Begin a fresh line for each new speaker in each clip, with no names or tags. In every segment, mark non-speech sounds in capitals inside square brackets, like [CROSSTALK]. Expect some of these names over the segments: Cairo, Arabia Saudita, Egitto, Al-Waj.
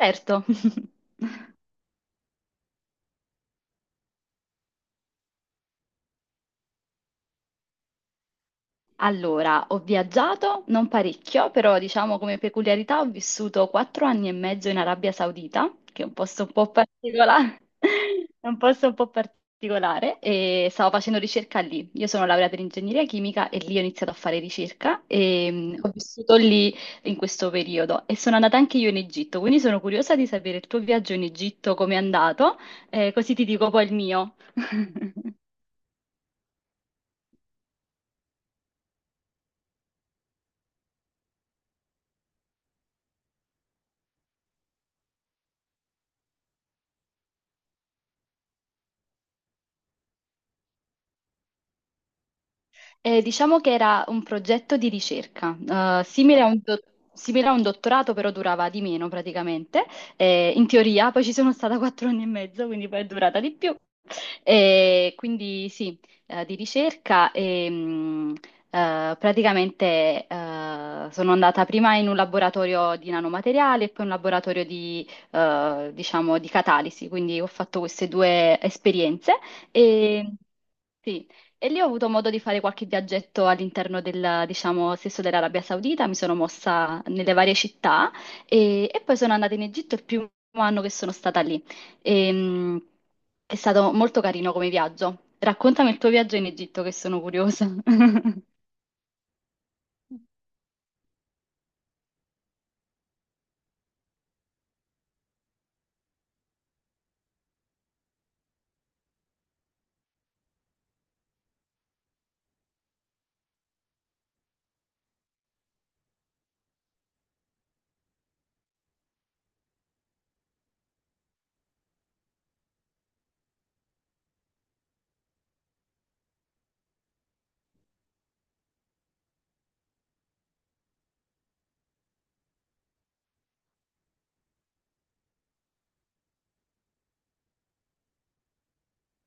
Certo. [LAUGHS] Allora, ho viaggiato, non parecchio, però diciamo come peculiarità ho vissuto 4 anni e mezzo in Arabia Saudita, che è un posto un po' particolare, [LAUGHS] è un posto un po' particolare, e stavo facendo ricerca lì. Io sono laureata in ingegneria chimica e lì ho iniziato a fare ricerca e ho vissuto lì in questo periodo e sono andata anche io in Egitto, quindi sono curiosa di sapere il tuo viaggio in Egitto, come è andato, così ti dico poi il mio. [LAUGHS] Diciamo che era un progetto di ricerca, eh, simile a un, do- simile a un dottorato, però durava di meno praticamente. In teoria, poi ci sono stata 4 anni e mezzo, quindi poi è durata di più. Quindi sì, di ricerca e praticamente sono andata prima in un laboratorio di nanomateriali e poi in un laboratorio di, diciamo, di catalisi, quindi ho fatto queste due esperienze. E sì, e lì ho avuto modo di fare qualche viaggetto all'interno del, diciamo, stesso dell'Arabia Saudita, mi sono mossa nelle varie città e poi sono andata in Egitto il primo anno che sono stata lì. Ehm, è stato molto carino come viaggio. Raccontami il tuo viaggio in Egitto, che sono curiosa. [LAUGHS]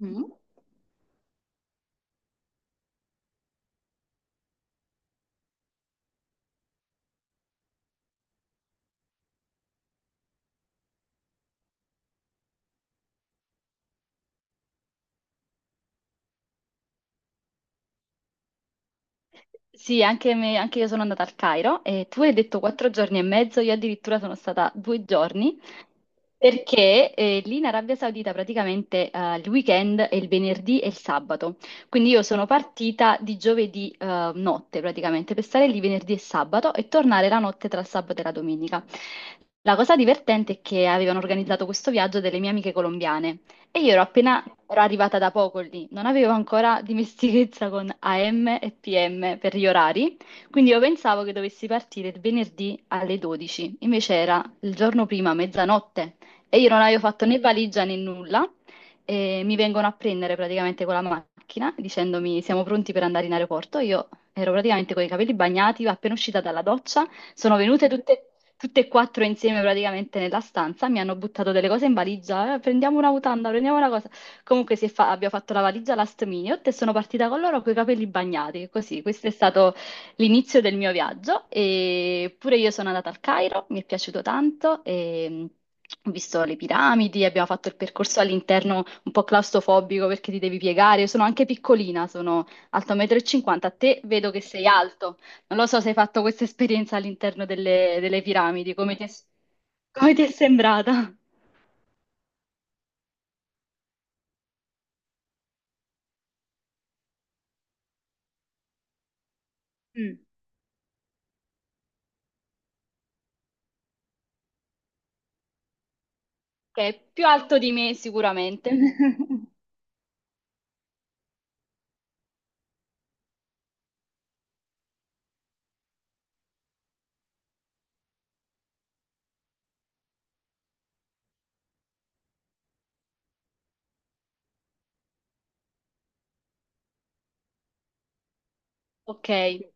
Mm. Sì, anche, anche io sono andata al Cairo e tu hai detto 4 giorni e mezzo, io addirittura sono stata 2 giorni perché lì in Arabia Saudita praticamente il weekend è il venerdì e il sabato, quindi io sono partita di giovedì notte praticamente per stare lì venerdì e sabato e tornare la notte tra il sabato e la domenica. La cosa divertente è che avevano organizzato questo viaggio delle mie amiche colombiane. E io ero arrivata da poco lì, non avevo ancora dimestichezza con AM e PM per gli orari, quindi io pensavo che dovessi partire il venerdì alle 12, invece era il giorno prima, mezzanotte, e io non avevo fatto né valigia né nulla, e mi vengono a prendere praticamente con la macchina dicendomi siamo pronti per andare in aeroporto, io ero praticamente con i capelli bagnati, appena uscita dalla doccia, sono venute tutte e quattro insieme praticamente nella stanza, mi hanno buttato delle cose in valigia, prendiamo una mutanda, prendiamo una cosa. Comunque abbiamo fatto la valigia last minute e sono partita con loro con i capelli bagnati, così. Questo è stato l'inizio del mio viaggio e pure io sono andata al Cairo, mi è piaciuto tanto e ho visto le piramidi, abbiamo fatto il percorso all'interno un po' claustrofobico perché ti devi piegare. Io sono anche piccolina, sono alto 1,50 m. A te vedo che sei alto. Non lo so se hai fatto questa esperienza all'interno delle, delle piramidi, come ti è sembrata? Mm. Ok, più alto di me sicuramente. [LAUGHS] Ok, sì,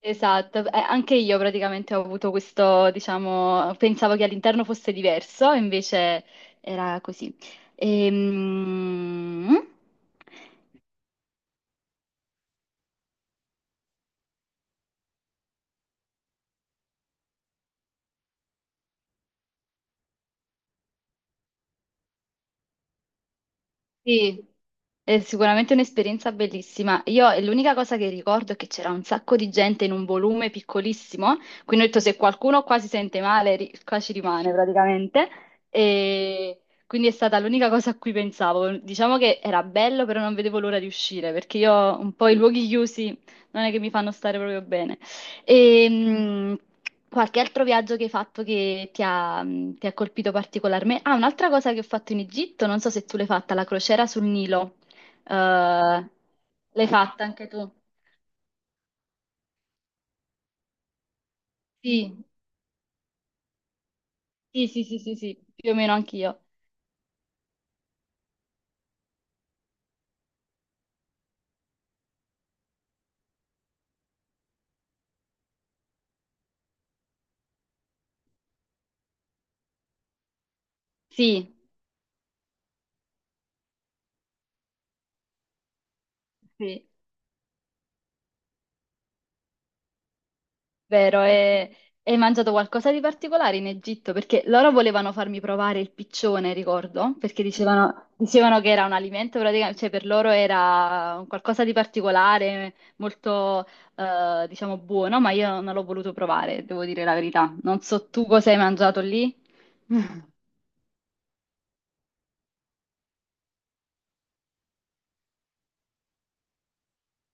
esatto. Esatto. Anche io praticamente ho avuto questo, diciamo, pensavo che all'interno fosse diverso, invece era così. Ehm, Sì è sicuramente un'esperienza bellissima. Io e l'unica cosa che ricordo è che c'era un sacco di gente in un volume piccolissimo, quindi ho detto se qualcuno qua si sente male, qua ci rimane praticamente. E quindi è stata l'unica cosa a cui pensavo. Diciamo che era bello, però non vedevo l'ora di uscire, perché io un po' i luoghi chiusi non è che mi fanno stare proprio bene. E qualche altro viaggio che hai fatto che ti ha colpito particolarmente? Ah, un'altra cosa che ho fatto in Egitto, non so se tu l'hai fatta, la crociera sul Nilo. Eh, L'hai fatta anche tu? Sì, sì, sì, sì, sì, sì, più o meno anch'io. Sì, sì. Vero, e hai mangiato qualcosa di particolare in Egitto? Perché loro volevano farmi provare il piccione, ricordo, perché dicevano, dicevano che era un alimento praticamente, cioè per loro era un qualcosa di particolare, molto, diciamo, buono, ma io non l'ho voluto provare, devo dire la verità. Non so tu cosa hai mangiato lì. [LAUGHS]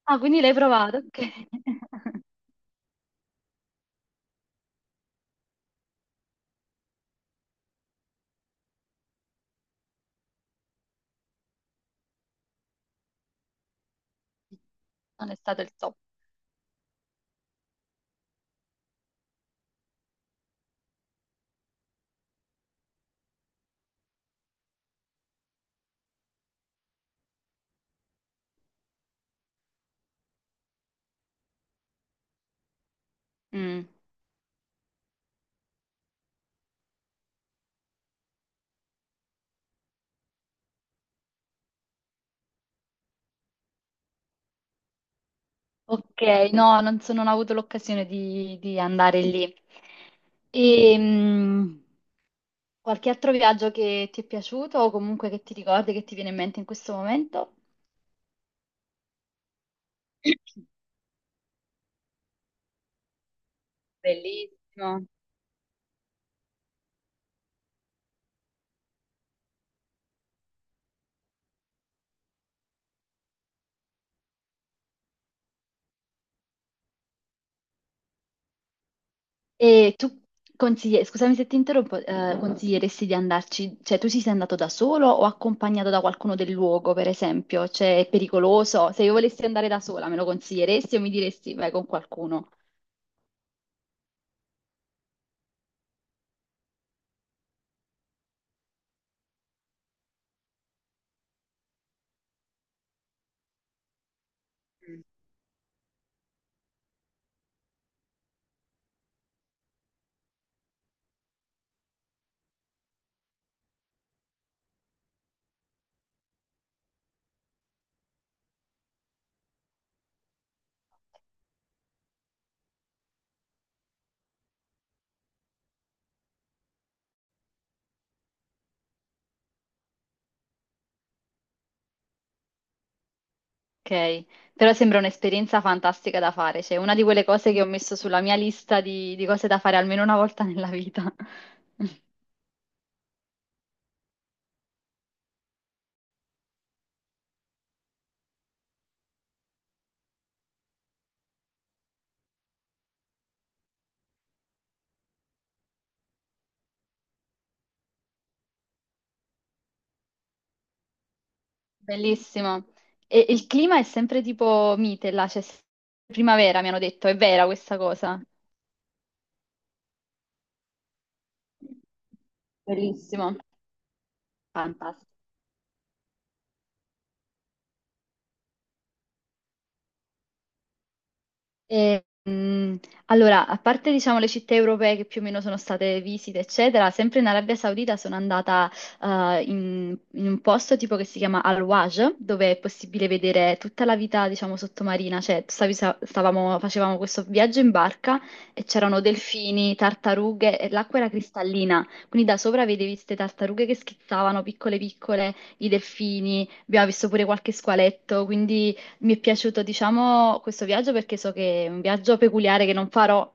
Ah, quindi l'hai provato? Ok. [LAUGHS] Non è stato il top. Mm. Ok, no, non, non ho avuto l'occasione di andare lì. E qualche altro viaggio che ti è piaciuto o comunque che ti ricordi, che ti viene in mente in questo momento? Bellissimo. E tu scusami se ti interrompo, consiglieresti di andarci, cioè tu ci sei andato da solo o accompagnato da qualcuno del luogo, per esempio? Cioè è pericoloso? Se io volessi andare da sola, me lo consiglieresti o mi diresti vai con qualcuno? Ok, però sembra un'esperienza fantastica da fare, cioè una di quelle cose che ho messo sulla mia lista di cose da fare almeno una volta nella vita. [LAUGHS] Bellissimo. E il clima è sempre tipo mite là, c'è sempre primavera, mi hanno detto, è vera questa cosa. Bellissimo, fantastico. Mm, allora, a parte diciamo le città europee che più o meno sono state visite, eccetera, sempre in Arabia Saudita sono andata in un posto tipo che si chiama Al-Waj, dove è possibile vedere tutta la vita, diciamo, sottomarina, cioè facevamo questo viaggio in barca e c'erano delfini, tartarughe e l'acqua era cristallina, quindi da sopra vedevi queste tartarughe che schizzavano piccole piccole, i delfini, abbiamo visto pure qualche squaletto, quindi... Mi è piaciuto, diciamo, questo viaggio perché so che è un viaggio peculiare che non farò,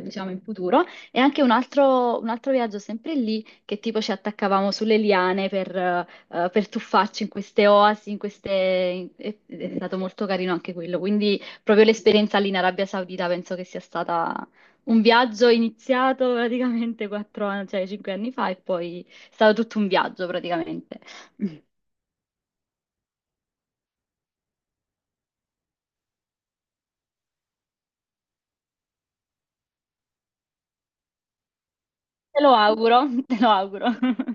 diciamo, in futuro. E anche un altro viaggio sempre lì, che tipo ci attaccavamo sulle liane per tuffarci in queste oasi, in queste... in- È è stato molto carino anche quello. Quindi proprio l'esperienza lì in Arabia Saudita penso che sia stata un viaggio iniziato praticamente 4 anni, cioè 5 anni fa e poi è stato tutto un viaggio praticamente. Te lo auguro, [LAUGHS] te lo auguro. [LAUGHS]